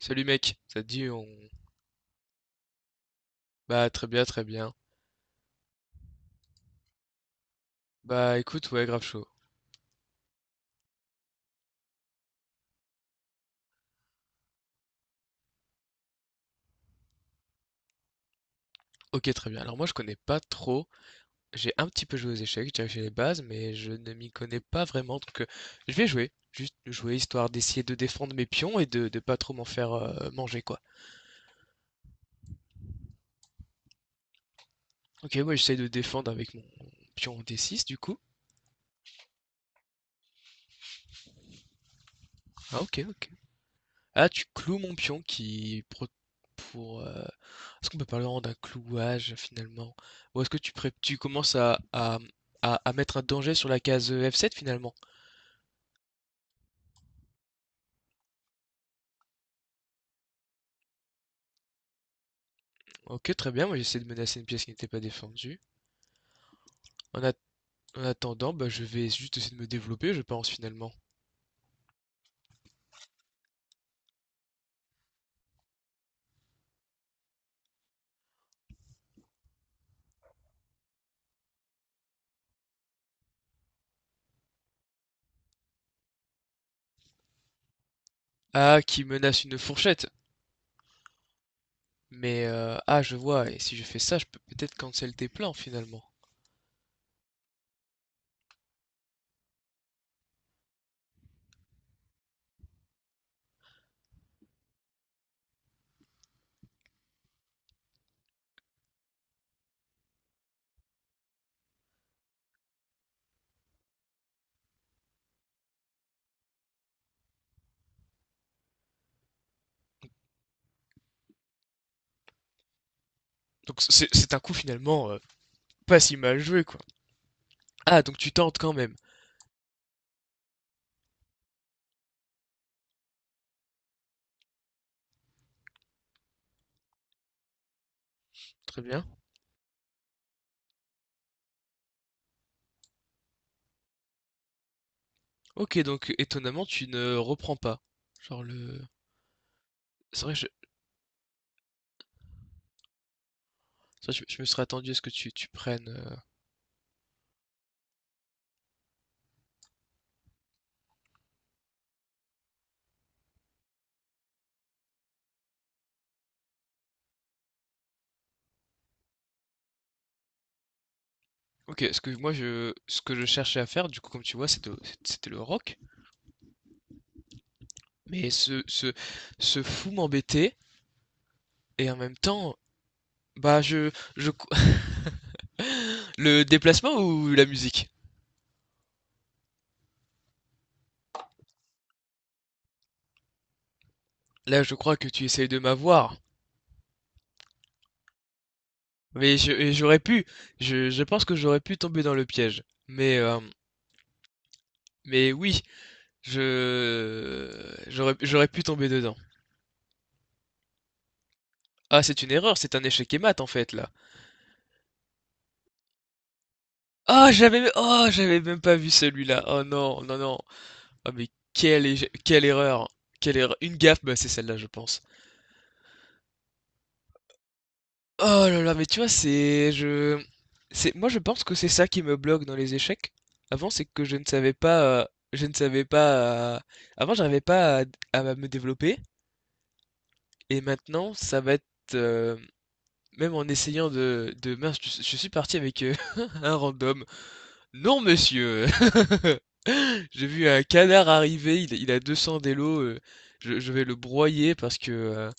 Salut mec, ça te dit on... Bah très bien, très bien. Bah écoute, ouais, grave chaud. Ok, très bien. Alors moi je connais pas trop, j'ai un petit peu joué aux échecs, j'ai déjà fait les bases, mais je ne m'y connais pas vraiment, donc je vais jouer. Juste jouer histoire d'essayer de défendre mes pions et de pas trop m'en faire manger quoi. Ok, moi j'essaye de défendre avec mon pion D6 du coup. Ah ok, ok. Ah, tu cloues mon pion qui pro- pour est-ce qu'on peut parler vraiment d'un clouage finalement? Ou est-ce que tu commences à mettre un danger sur la case F7 finalement? Ok, très bien, moi j'essaie de menacer une pièce qui n'était pas défendue. En, at- En attendant, bah, je vais juste essayer de me développer, je pense finalement. Ah, qui menace une fourchette. Je vois, et si je fais ça, je peux peut-être cancel tes plans finalement. Donc c'est un coup finalement pas si mal joué quoi. Ah, donc tu tentes quand même. Très bien. OK, donc étonnamment, tu ne reprends pas? Genre le c'est vrai, je C'est vrai, je me serais attendu à ce que tu prennes, OK, ce que je cherchais à faire, du coup, comme tu vois, c'était le rock, mais ce fou m'embêtait et en même temps, bah, je le déplacement ou la musique? Là, je crois que tu essayes de m'avoir, mais je et j'aurais pu, je pense que j'aurais pu tomber dans le piège, mais oui, je j'aurais pu tomber dedans. Ah, c'est une erreur, c'est un échec et mat en fait là. J'avais même pas vu celui-là. Oh non, non, non. Ah, quelle erreur. Quelle erreur. Une gaffe, bah, c'est celle-là, je pense. Oh là là, Moi, je pense que c'est ça qui me bloque dans les échecs. Avant, c'est que je ne savais pas. Je ne savais pas. Avant, j'arrivais pas à... à me développer. Et maintenant, ça va être. euh, Même en essayant Mince, je suis parti avec un random. Non, monsieur. J'ai vu un canard arriver, il a 200 d'élo, je vais le broyer parce que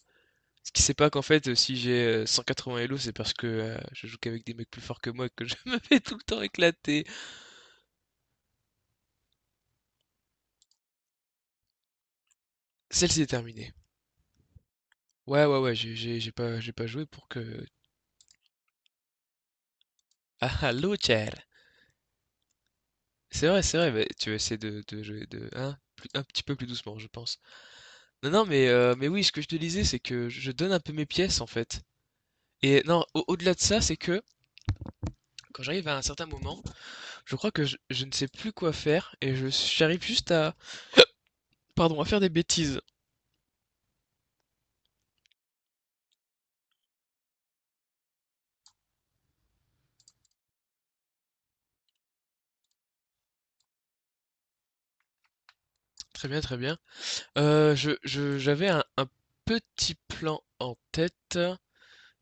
ce qui sait pas qu'en fait, si j'ai 180 élo, c'est parce que je joue qu'avec des mecs plus forts que moi et que je me fais tout le temps éclater. Celle-ci est terminée. Ouais, ouais, ouais, j'ai pas joué pour que... Ah, ah, Lothar. C'est vrai, mais tu vas essayer de jouer de, hein, un petit peu plus doucement, je pense. Non, non, mais oui, ce que je te disais, c'est que je donne un peu mes pièces, en fait. Et non, au-delà de ça, c'est que quand j'arrive à un certain moment, je crois que je ne sais plus quoi faire et je j'arrive juste à pardon, à faire des bêtises. Très bien, très bien. J'avais un petit plan en tête.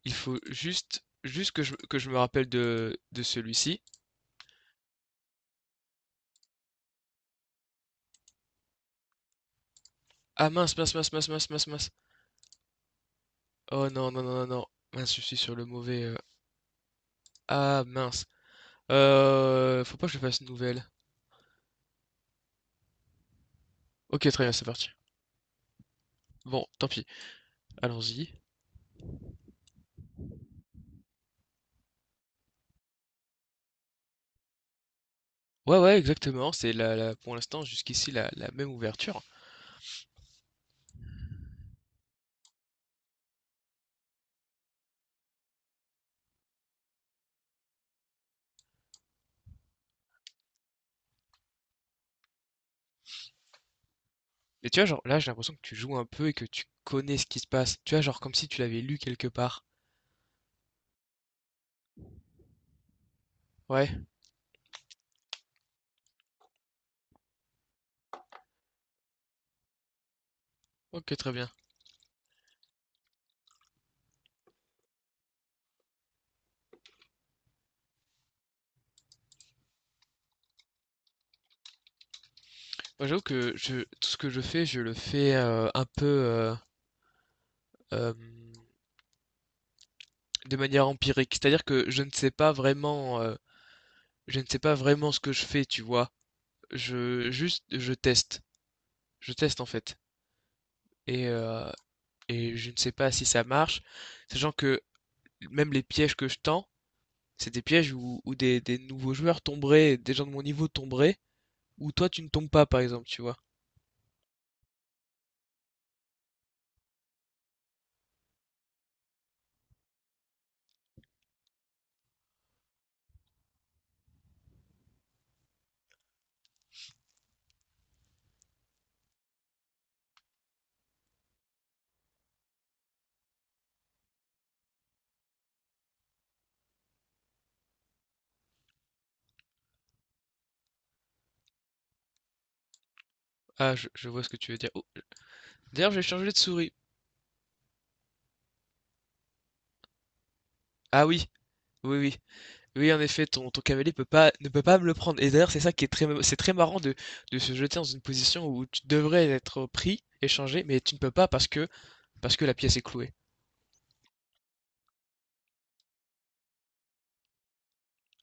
Il faut juste que que je me rappelle de celui-ci. Ah mince, mince, mince, mince, mince, mince, mince. Oh non, non, non, non, non. Mince, je suis sur le mauvais. Ah mince. Faut pas que je fasse une nouvelle. Ok, très bien, c'est parti. Bon, tant pis. Allons-y. Ouais, ouais, exactement. C'est pour l'instant, jusqu'ici, la même ouverture. Mais tu vois, genre, là, j'ai l'impression que tu joues un peu et que tu connais ce qui se passe. Tu vois, genre, comme si tu l'avais lu quelque part. Ouais, ok, très bien. Moi, j'avoue que tout ce que je fais, je le fais un peu euh, de manière empirique. C'est-à-dire que je ne sais pas vraiment, je ne sais pas vraiment ce que je fais, tu vois. Juste, je teste. Je teste, en fait. Et et je ne sais pas si ça marche, sachant que même les pièges que je tends, c'est des pièges où, où des nouveaux joueurs tomberaient, des gens de mon niveau tomberaient, où toi tu ne tombes pas par exemple, tu vois. Ah, je vois ce que tu veux dire. Oh, d'ailleurs, j'ai changé de souris. Ah oui, oui, oui. Oui, en effet, ton cavalier peut pas, ne peut pas me le prendre. Et d'ailleurs, c'est ça qui est très, c'est très marrant de se jeter dans une position où tu devrais être pris, échangé, mais tu ne peux pas parce que la pièce est clouée.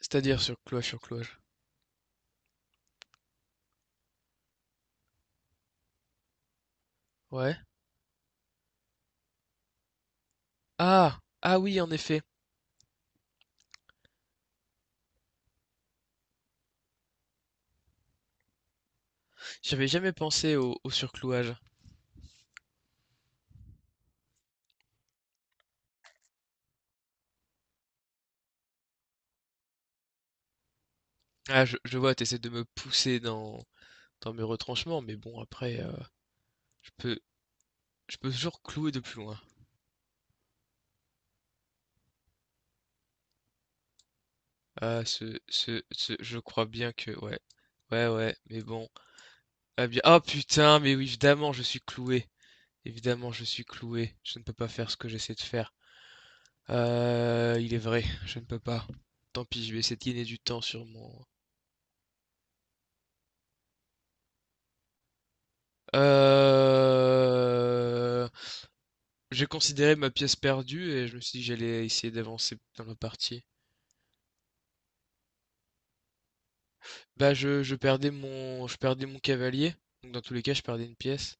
C'est-à-dire sur cloche sur cloche. Ouais. Ah, ah oui, en effet. J'avais jamais pensé au surclouage. Ah, je vois, t'essaies de me pousser dans mes retranchements, mais bon, après, je peux, je peux toujours clouer de plus loin. Ah, je crois bien que, ouais, ouais, ouais, mais bon. Ah bien, oh putain, mais oui, évidemment, je suis cloué. Évidemment, je suis cloué. Je ne peux pas faire ce que j'essaie de faire. Il est vrai, je ne peux pas. Tant pis, je vais essayer de gagner du temps sur mon. Euh... J'ai considéré ma pièce perdue et je me suis dit que j'allais essayer d'avancer dans la partie. Bah je perdais mon cavalier, donc dans tous les cas je perdais une pièce.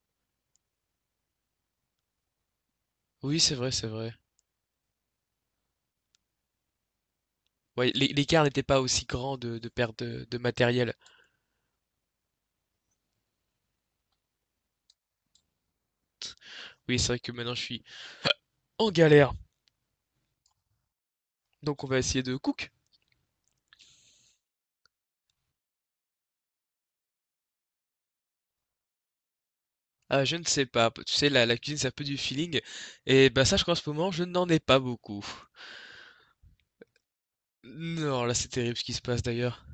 Oui c'est vrai, c'est vrai. Ouais, l'écart n'était pas aussi grand de perte de matériel. Oui c'est vrai que maintenant je suis en galère, donc on va essayer de cook. Ah je ne sais pas, tu sais la cuisine c'est un peu du feeling, et bah sache qu'en ce moment je n'en ai pas beaucoup. Non là c'est terrible ce qui se passe d'ailleurs.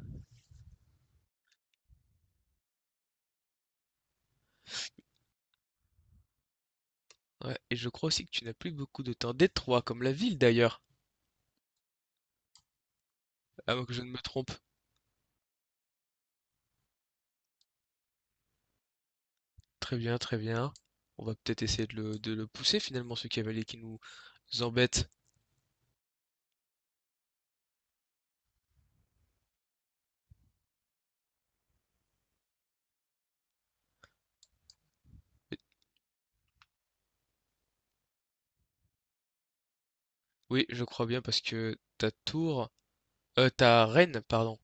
Ouais, et je crois aussi que tu n'as plus beaucoup de temps. Détroit comme la ville d'ailleurs, à moins que je ne me trompe. Très bien, très bien. On va peut-être essayer de le pousser finalement, ce cavalier qui nous embête. Oui, je crois bien parce que ta reine, pardon.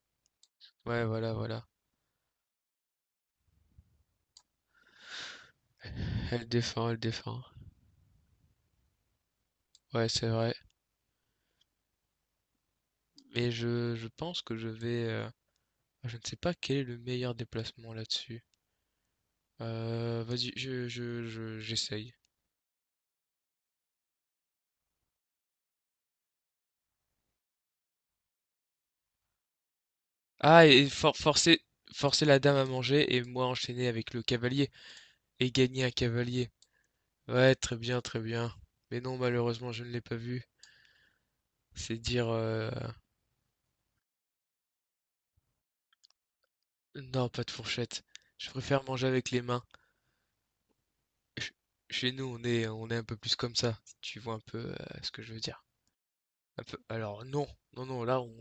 Ouais, voilà, voilà. Elle défend, elle défend. Ouais, c'est vrai. Mais je pense que je vais. Je ne sais pas quel est le meilleur déplacement là-dessus. Vas-y, j'essaye. Ah, forcer forcer la dame à manger et moi enchaîner avec le cavalier et gagner un cavalier. Ouais, très bien, très bien. Mais non, malheureusement, je ne l'ai pas vu. C'est dire... euh, Non, pas de fourchette. Je préfère manger avec les mains. Ch- Chez nous, on est un peu plus comme ça. Si tu vois un peu ce que je veux dire. Un peu... Alors, non, non, non, là,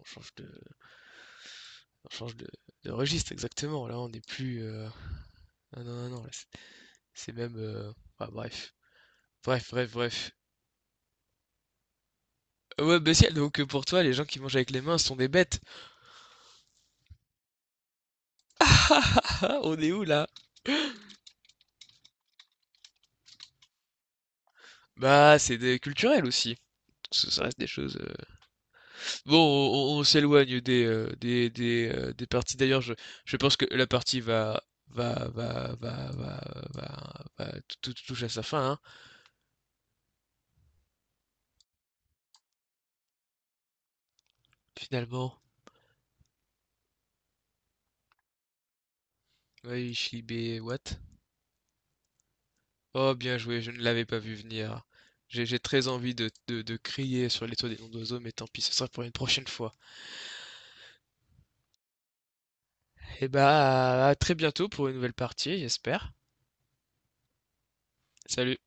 on change de... On change de registre, exactement. Là, on n'est plus... Non, non, non, non, là, c'est même... ah, bref. Bref, bref, bref. Ouais, bah si, donc pour toi, les gens qui mangent avec les mains sont des bêtes. On est où là? Bah, culturel aussi. Ça reste des choses. Bon, on s'éloigne des parties. D'ailleurs, je pense que la partie va, va, va, va, va, va- tout, tout touche à sa fin, hein. Finalement. Oui, Shlibé, what? Oh, bien joué, je ne l'avais pas vu venir. J'ai très envie de crier sur les toits des noms d'oiseaux, mais tant pis, ce sera pour une prochaine fois. Et bah, à très bientôt pour une nouvelle partie, j'espère. Salut.